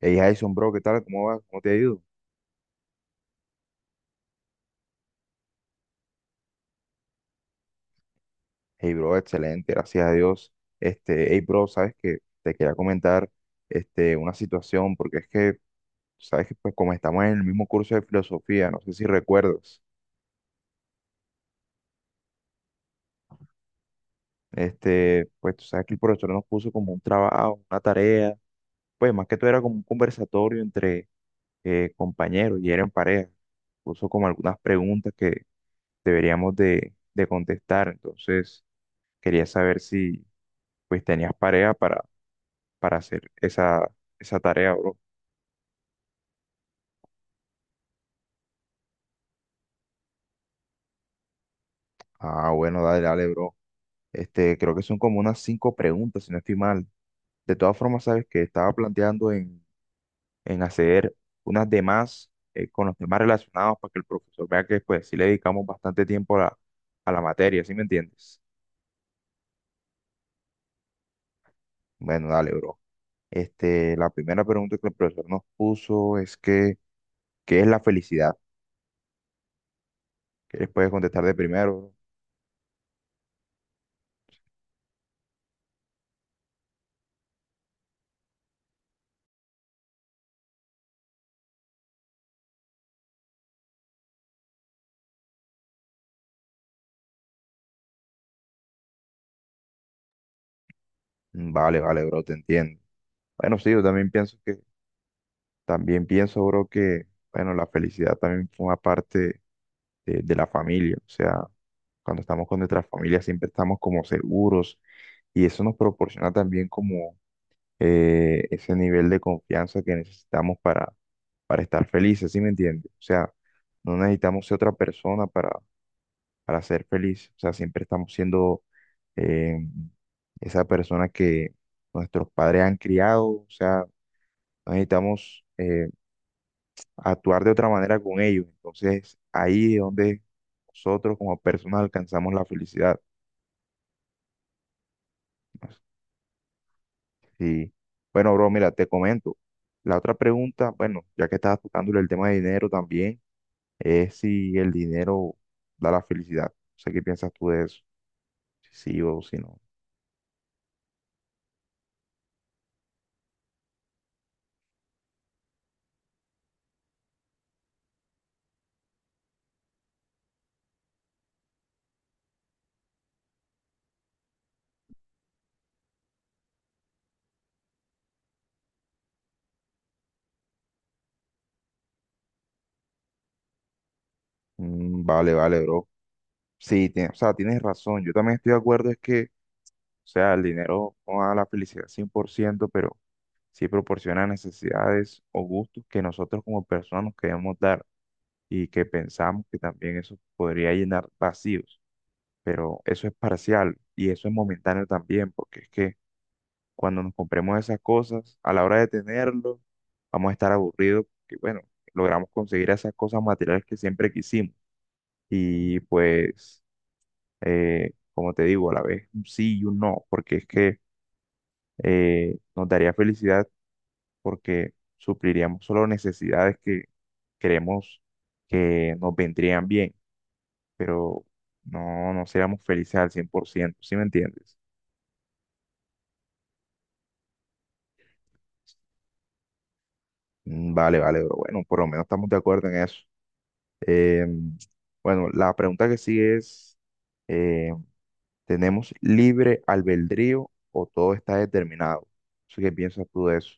Hey Jason, bro, ¿qué tal? ¿Cómo vas? ¿Cómo te ha ido? Hey, bro, excelente, gracias a Dios. Hey, bro, sabes que te quería comentar una situación, porque es que, sabes que pues como estamos en el mismo curso de filosofía, no sé si recuerdas, pues tú sabes que el profesor nos puso como un trabajo, una tarea, pues más que todo era como un conversatorio entre compañeros y eran pareja. Puso como algunas preguntas que deberíamos de contestar, entonces quería saber si pues tenías pareja para hacer esa tarea, bro. Ah, bueno, dale, dale, bro. Creo que son como unas cinco preguntas, si no estoy mal. De todas formas, sabes que estaba planteando en hacer unas demás con los temas relacionados para que el profesor vea que pues sí le dedicamos bastante tiempo a la materia, ¿sí me entiendes? Bueno, dale, bro. La primera pregunta que el profesor nos puso es que, ¿qué es la felicidad? ¿Qué les puedes contestar de primero? ¿Bro? Mm, vale, vale, bro, te entiendo. Bueno, sí, yo también pienso que También pienso, bro, que, bueno, la felicidad también forma parte de la familia. O sea, cuando estamos con nuestra familia siempre estamos como seguros y eso nos proporciona también como ese nivel de confianza que necesitamos para, estar felices, ¿sí me entiendes? O sea, no necesitamos ser otra persona para, ser feliz. O sea, siempre estamos siendo eh, esa persona que nuestros padres han criado. O sea, no necesitamos actuar de otra manera con ellos. Entonces, ahí es donde nosotros como personas alcanzamos la felicidad. Y bueno, bro, mira, te comento. La otra pregunta, bueno, ya que estabas tocándole el tema de dinero también, es si el dinero da la felicidad. No sé qué piensas tú de eso, si sí o si no. Mm, vale, vale, bro. Sí, o sea, tienes razón. Yo también estoy de acuerdo, es que, o sea, el dinero no da la felicidad 100%, pero sí proporciona necesidades o gustos que nosotros como personas nos queremos dar y que pensamos que también eso podría llenar vacíos, pero eso es parcial y eso es momentáneo también, porque es que cuando nos compremos esas cosas, a la hora de tenerlo, vamos a estar aburridos, porque bueno, logramos conseguir esas cosas materiales que siempre quisimos y pues, como te digo, a la vez un sí y un no, porque es que nos daría felicidad porque supliríamos solo necesidades que creemos que nos vendrían bien, pero no seríamos felices al 100%. ¿Sí me entiendes? Mm, vale, vale, bro. Bueno, por lo menos estamos de acuerdo en eso. Em, bueno, la pregunta que sigue es, eh, ¿tenemos libre albedrío o todo está determinado? ¿Así que piensas tú de eso?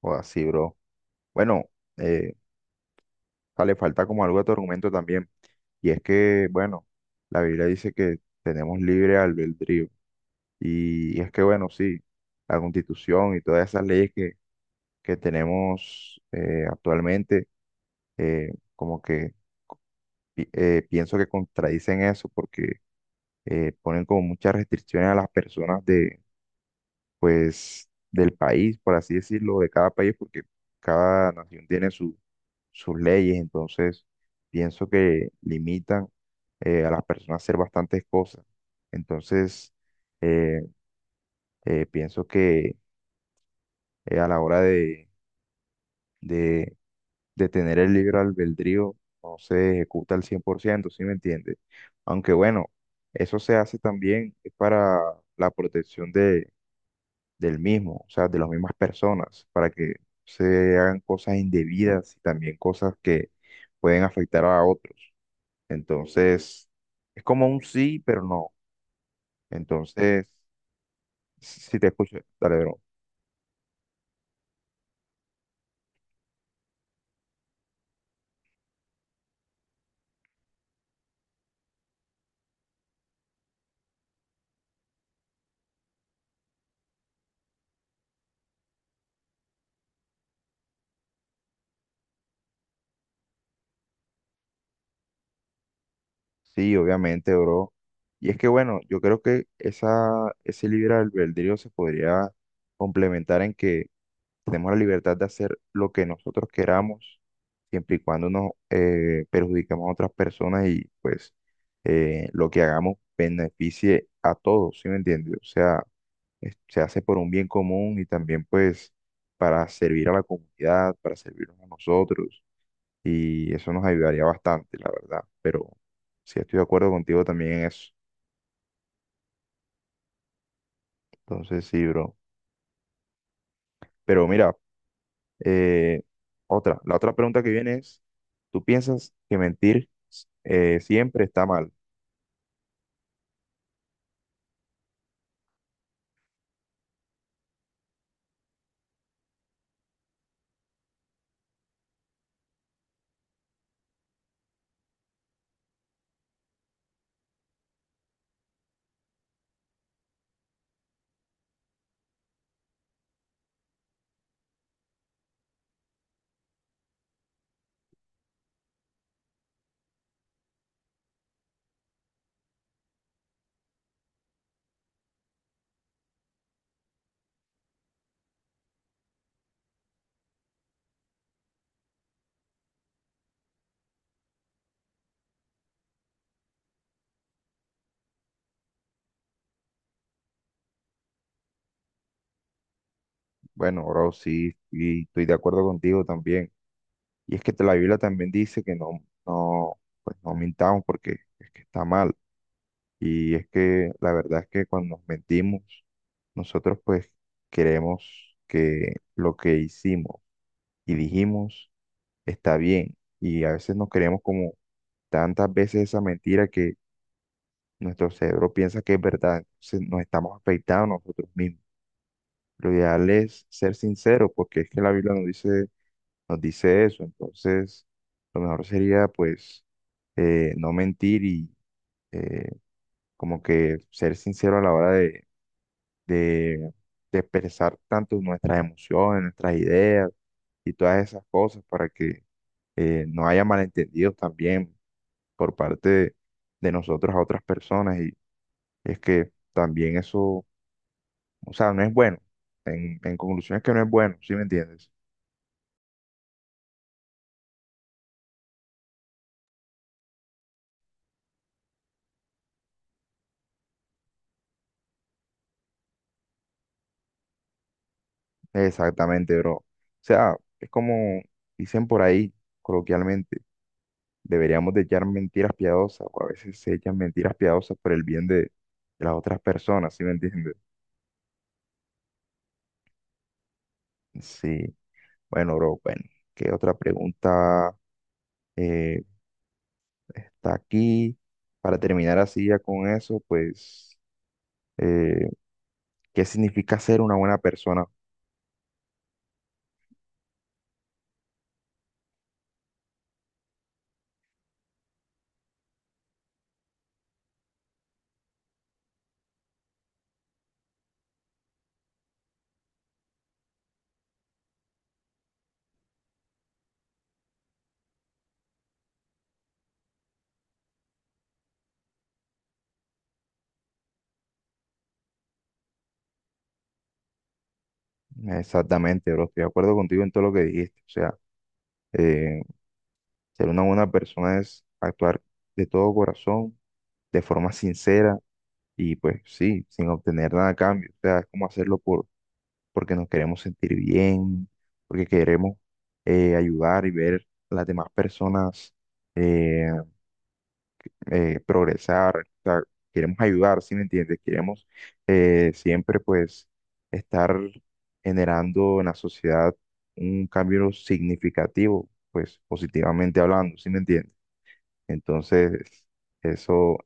O así, bro. Bueno, eh, le falta como algo de tu argumento también. Y es que, bueno, la Biblia dice que tenemos libre albedrío. Y es que, bueno, sí, la Constitución y todas esas leyes que tenemos actualmente, eh, como que pienso que contradicen eso porque ponen como muchas restricciones a las personas, pues, del país, por así decirlo, de cada país, porque cada nación tiene su, sus leyes, entonces pienso que limitan a las personas a hacer bastantes cosas. Entonces, eh, pienso que a la hora de, de tener el libre albedrío no se ejecuta al 100%. ¿Sí me entiendes? Aunque bueno, eso se hace también para la protección del mismo, o sea, de las mismas personas, para que se hagan cosas indebidas y también cosas que pueden afectar a otros. Entonces, es como un sí, pero no. Entonces, si te escucho, dale, bro. Sí, obviamente, bro. Y es que, bueno, yo creo que esa, ese libre albedrío se podría complementar en que tenemos la libertad de hacer lo que nosotros queramos, siempre y cuando nos perjudiquemos a otras personas y pues lo que hagamos beneficie a todos, ¿sí me entiendes? O sea, se hace por un bien común y también pues para servir a la comunidad, para servirnos a nosotros y eso nos ayudaría bastante, la verdad. Pero sí estoy de acuerdo contigo también en eso. Entonces sí, bro. Pero mira, Eh, la otra pregunta que viene es, ¿tú piensas que mentir siempre está mal? Bueno, bro, sí, y estoy de acuerdo contigo también. Y es que la Biblia también dice que no, no, pues no mintamos porque es que está mal. Y es que la verdad es que cuando nos mentimos, nosotros pues queremos que lo que hicimos y dijimos está bien. Y a veces nos creemos como tantas veces esa mentira. Nuestro cerebro piensa que es verdad, entonces nos estamos afectando nosotros mismos. Lo ideal es ser sinceros, porque es que la Biblia nos dice eso. Entonces, lo mejor sería, pues, no mentir y eh, como que ser sincero a la hora de, de expresar tanto nuestras emociones, nuestras ideas y todas esas cosas para que no haya malentendidos también por parte de nosotros a otras personas. Y es que también eso. O sea, no es bueno. En conclusión es que no es bueno, ¿sí me entiendes? Exactamente, bro. O sea, es como dicen por ahí, coloquialmente, deberíamos de echar mentiras piadosas, o a veces se echan mentiras piadosas por el bien de las otras personas, ¿sí me entiendes? Sí, bueno, bro, bueno, ¿qué otra pregunta eh, está aquí? Para terminar así ya con eso, pues, eh, ¿qué significa ser una buena persona? Exactamente, bro, estoy de acuerdo contigo en todo lo que dijiste, o sea. Eh, Ser una buena persona es actuar de todo corazón, de forma sincera y pues sí, sin obtener nada a cambio. O sea, es como hacerlo porque nos queremos sentir bien, porque queremos ayudar y ver a las demás personas eh, progresar. O sea, queremos ayudar, ¿sí me entiendes? Queremos siempre pues estar generando en la sociedad un cambio significativo, pues positivamente hablando, ¿sí me entiendes? Entonces, eso,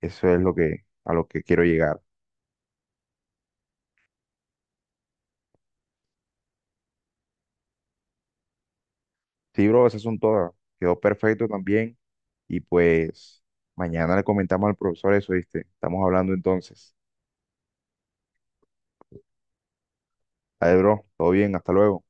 eso es a lo que quiero llegar. Sí, bro, esas son todas. Quedó perfecto también. Y pues, mañana le comentamos al profesor eso, ¿viste? Estamos hablando entonces. Dale, bro, todo bien, hasta luego.